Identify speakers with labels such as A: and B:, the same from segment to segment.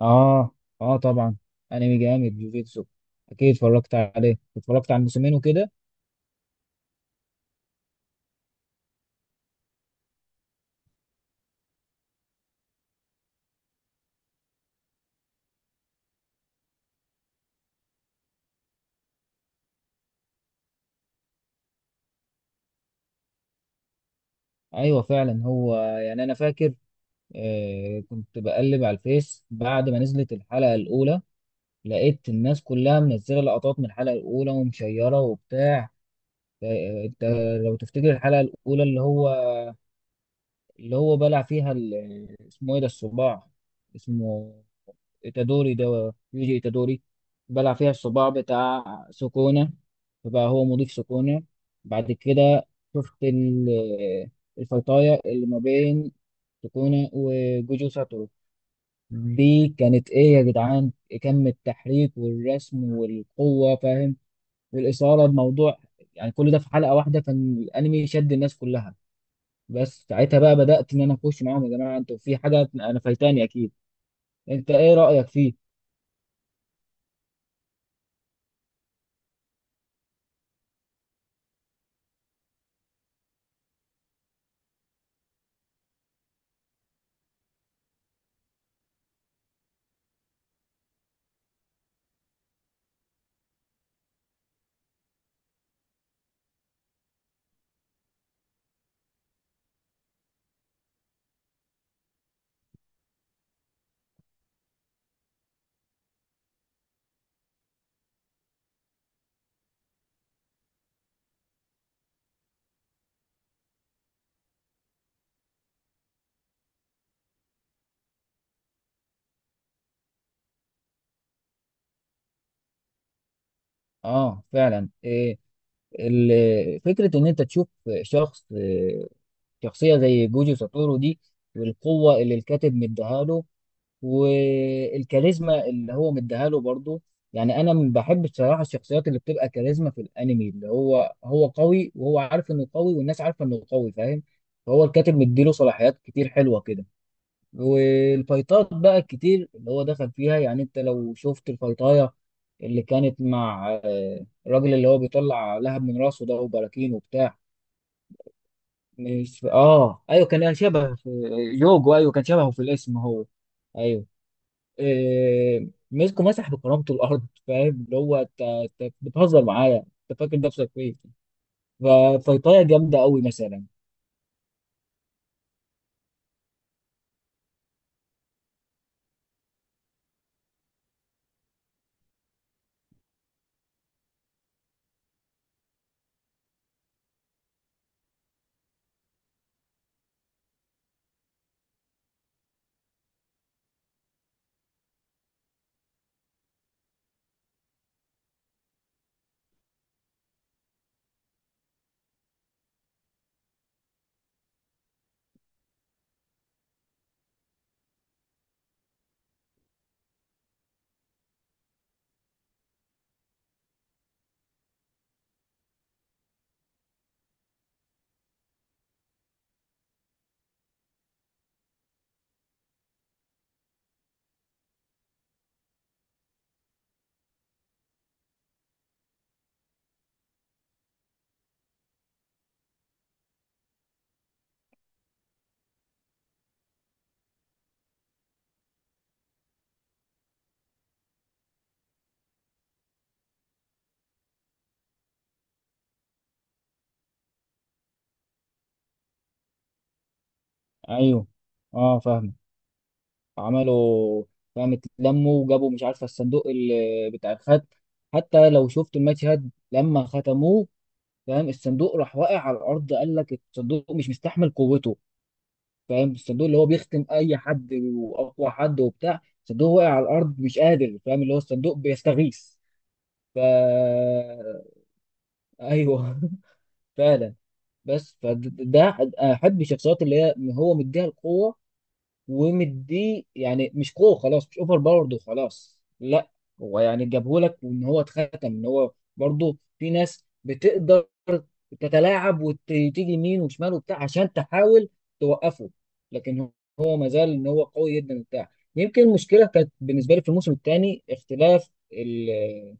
A: اه، اه، طبعا. انمي جامد جوجيتسو، اكيد اتفرجت عليه، اتفرجت على الموسمين وكده. ايوه فعلا، هو يعني انا فاكر، كنت بقلب على الفيس بعد ما نزلت الحلقه الاولى، لقيت الناس كلها منزله لقطات من الحلقه الاولى ومشيره وبتاع. ف- انت لو تفتكر الحلقه الاولى، اللي هو بلع فيها اسمه ايه ده، الصباع، اسمه إيتادوري ده، يوجي إيتادوري. بلع فيها الصباع بتاع سكونة، فبقى هو مضيف سكونة. بعد كده شفت الفيطاية اللي ما بين سكونة وجوجو ساتورو دي، كانت إيه يا جدعان؟ كم التحريك والرسم والقوة، فاهم، والإثارة الموضوع، يعني كل ده في حلقة واحدة. كان الأنمي شد الناس كلها، بس ساعتها بقى بدأت إن أنا أخش معاهم، يا جماعة أنتوا في حاجة أنا فايتاني أكيد. أنت إيه رأيك فيه؟ اه فعلا. فكرة إن أنت تشوف شخص، شخصية زي جوجو ساتورو دي، والقوة اللي الكاتب مديها له، والكاريزما اللي هو مديها له برضه. يعني أنا بحب بصراحة الشخصيات اللي بتبقى كاريزما في الأنمي، اللي هو هو قوي، وهو عارف إنه قوي، والناس عارفة إنه قوي، فاهم. فهو الكاتب مديله صلاحيات كتير حلوة كده. والفايتات بقى الكتير اللي هو دخل فيها، يعني انت لو شفت الفايتاية اللي كانت مع، الراجل اللي هو بيطلع لهب من راسه ده وبراكين وبتاع. مش، ايوه، كان شبه في، يوجو، ايوه كان شبهه في الاسم هو، ايوه. مسكه، مسح بكرامته الارض، فاهم، اللي هو، انت بتهزر معايا؟ انت فاكر نفسك فين؟ ففيطايه جامده قوي مثلا. ايوه، اه فاهم. عملوا، فاهم، اتلموا وجابوا مش عارفه الصندوق اللي بتاع الخد، حتى لو شفت الماتش هاد لما ختموه. فاهم، الصندوق راح واقع على الارض، قال لك الصندوق مش مستحمل قوته. فاهم، الصندوق اللي هو بيختم اي حد واقوى حد وبتاع، الصندوق واقع على الارض مش قادر، فاهم اللي هو الصندوق بيستغيث. ف ايوه فعلا. بس فده احب الشخصيات اللي هي هو مديها القوه ومديه، يعني مش قوه خلاص مش اوفر باورد وخلاص، لا. هو يعني جابهولك، وان هو اتختم ان هو برضه في ناس بتقدر تتلاعب وتيجي يمين وشمال وبتاع عشان تحاول توقفه، لكن هو ما زال ان هو قوي جدا وبتاع. يمكن المشكله كانت بالنسبه لي في الموسم الثاني، اختلاف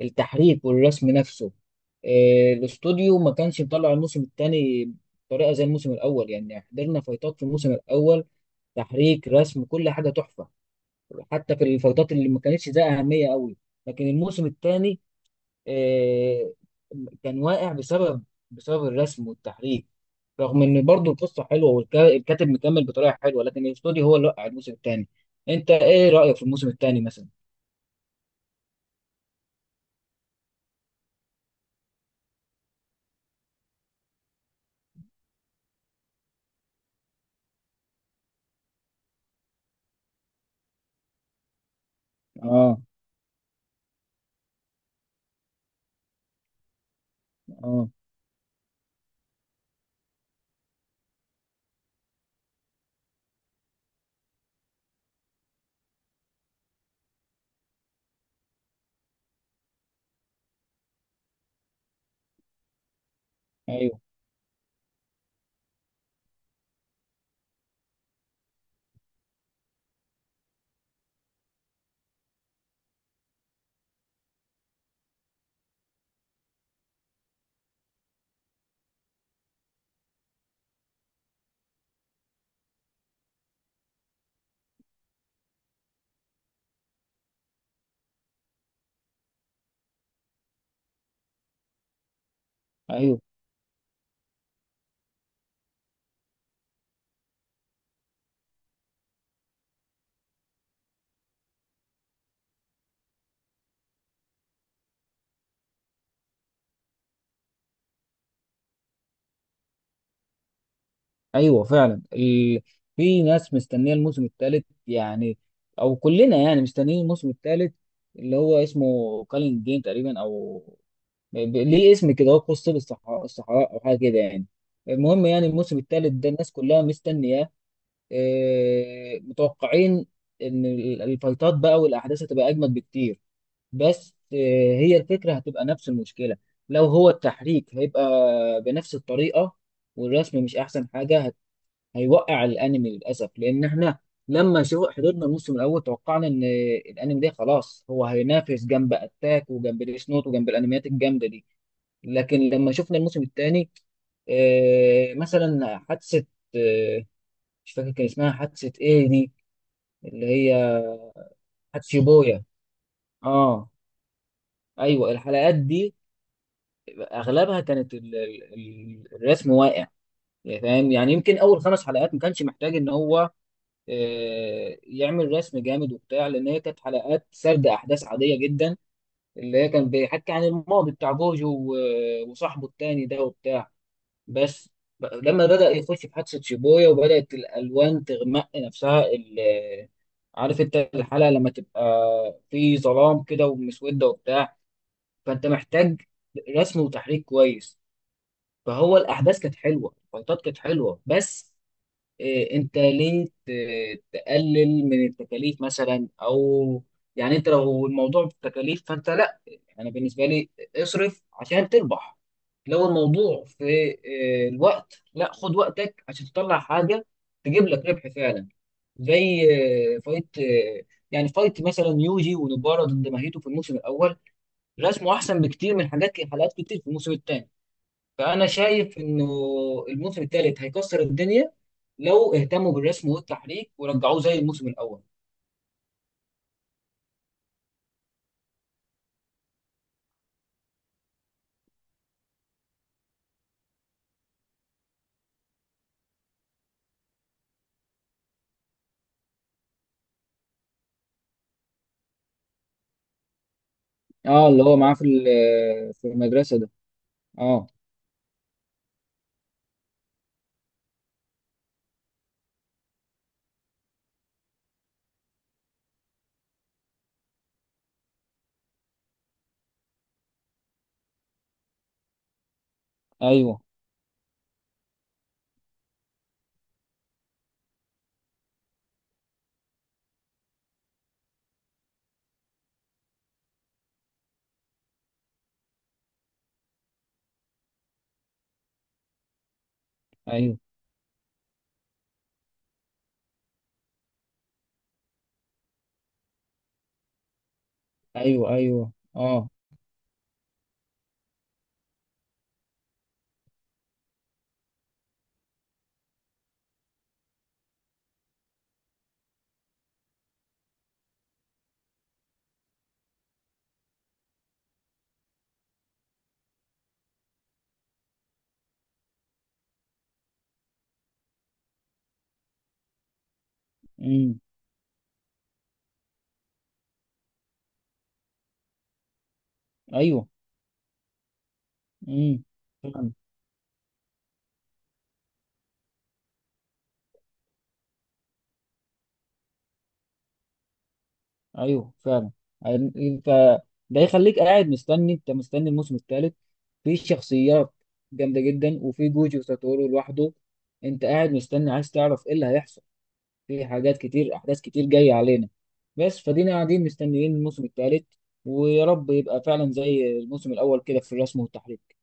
A: التحريك والرسم نفسه. الاستوديو ما كانش مطلع الموسم الثاني بطريقه زي الموسم الاول، يعني حضرنا فايتات في الموسم الاول، تحريك، رسم، كل حاجه تحفه، حتى في الفترات اللي ما كانتش ده اهميه قوي. لكن الموسم الثاني آه، كان واقع بسبب، بسبب الرسم والتحريك، رغم ان برضو القصه حلوه والكاتب مكمل بطريقه حلوه، لكن الاستوديو هو اللي وقع الموسم الثاني. انت ايه رايك في الموسم الثاني مثلا؟ اه، اه، ايوه، ايوه. ايوه فعلا ال... في ناس مستنيه الموسم الثالث، يعني، او كلنا يعني مستنيين الموسم الثالث، اللي هو اسمه كالين جين تقريبا، او ليه اسم كده، هو قصة الصحراء، الصحراء او حاجه كده يعني. المهم يعني الموسم الثالث ده الناس كلها مستنياه. متوقعين ان الفايتات بقى والاحداث هتبقى اجمد بكتير. بس، هي الفكره هتبقى نفس المشكله، لو هو التحريك هيبقى بنفس الطريقه، والرسم مش احسن حاجه، هيوقع الانمي للاسف. لان احنا لما شو حضرنا الموسم الاول توقعنا ان الانمي ده خلاص هو هينافس جنب اتاك، وجنب ديس نوت، وجنب الانميات الجامده دي. لكن لما شفنا الموسم الثاني، مثلا حادثة، آه، مش فاكر كان اسمها حادثة ايه دي، اللي هي حادثة بويا، اه ايوه. الحلقات دي اغلبها كانت الرسم واقع. يعني فاهم، يعني يمكن اول خمس حلقات ما كانش محتاج ان هو يعمل رسم جامد وبتاع، لان هي كانت حلقات سرد احداث عاديه جدا، اللي هي كان بيحكي عن الماضي بتاع جوجو و- وصاحبه التاني ده وبتاع. بس، لما بدأ يخش في حادثة شيبويا وبدأت الألوان تغمق نفسها عارف انت الحلقة لما تبقى في ظلام كده ومسودة وبتاع، فانت محتاج رسم وتحريك كويس. فهو الأحداث كانت حلوة، الفايتات كانت حلوة، بس انت ليه تقلل من التكاليف مثلا، او يعني انت لو الموضوع بالتكاليف فانت لا، انا بالنسبه لي اصرف عشان تربح. لو الموضوع في الوقت، لا خد وقتك عشان تطلع حاجه تجيب لك ربح فعلا. زي فايت يعني فايت مثلا يوجي ونبارة ضد ماهيتو في الموسم الاول، رسمه احسن بكتير من حاجات حلقات كتير في الموسم الثاني. فأنا شايف إنه الموسم الثالث هيكسر الدنيا لو اهتموا بالرسم والتحريك ورجعوه زي الموسم الأول. اه، اللي هو معاه في في المدرسة ده. اه، ايوه، ايوه، ايوه، ايوه، اه، امم، ايوه، امم، فعلا، ايوه فعلا. انت ده يخليك قاعد مستني، انت مستني الموسم الثالث. في شخصيات جامدة جدا، وفي جوجي وساتورو لوحده، انت قاعد مستني عايز تعرف ايه اللي هيحصل. في حاجات كتير، احداث كتير جايه علينا، بس فدينا قاعدين مستنيين الموسم الثالث، ويا رب يبقى فعلا زي الموسم الاول كده في الرسم والتحريك.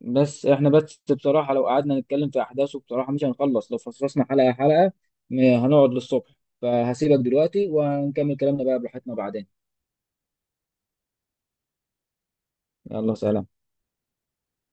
A: بس احنا بس بصراحه لو قعدنا نتكلم في احداثه بصراحه مش هنخلص، لو فصصنا حلقه حلقه هنقعد للصبح. فهسيبك دلوقتي وهنكمل كلامنا بقى براحتنا بعدين. يلا سلام.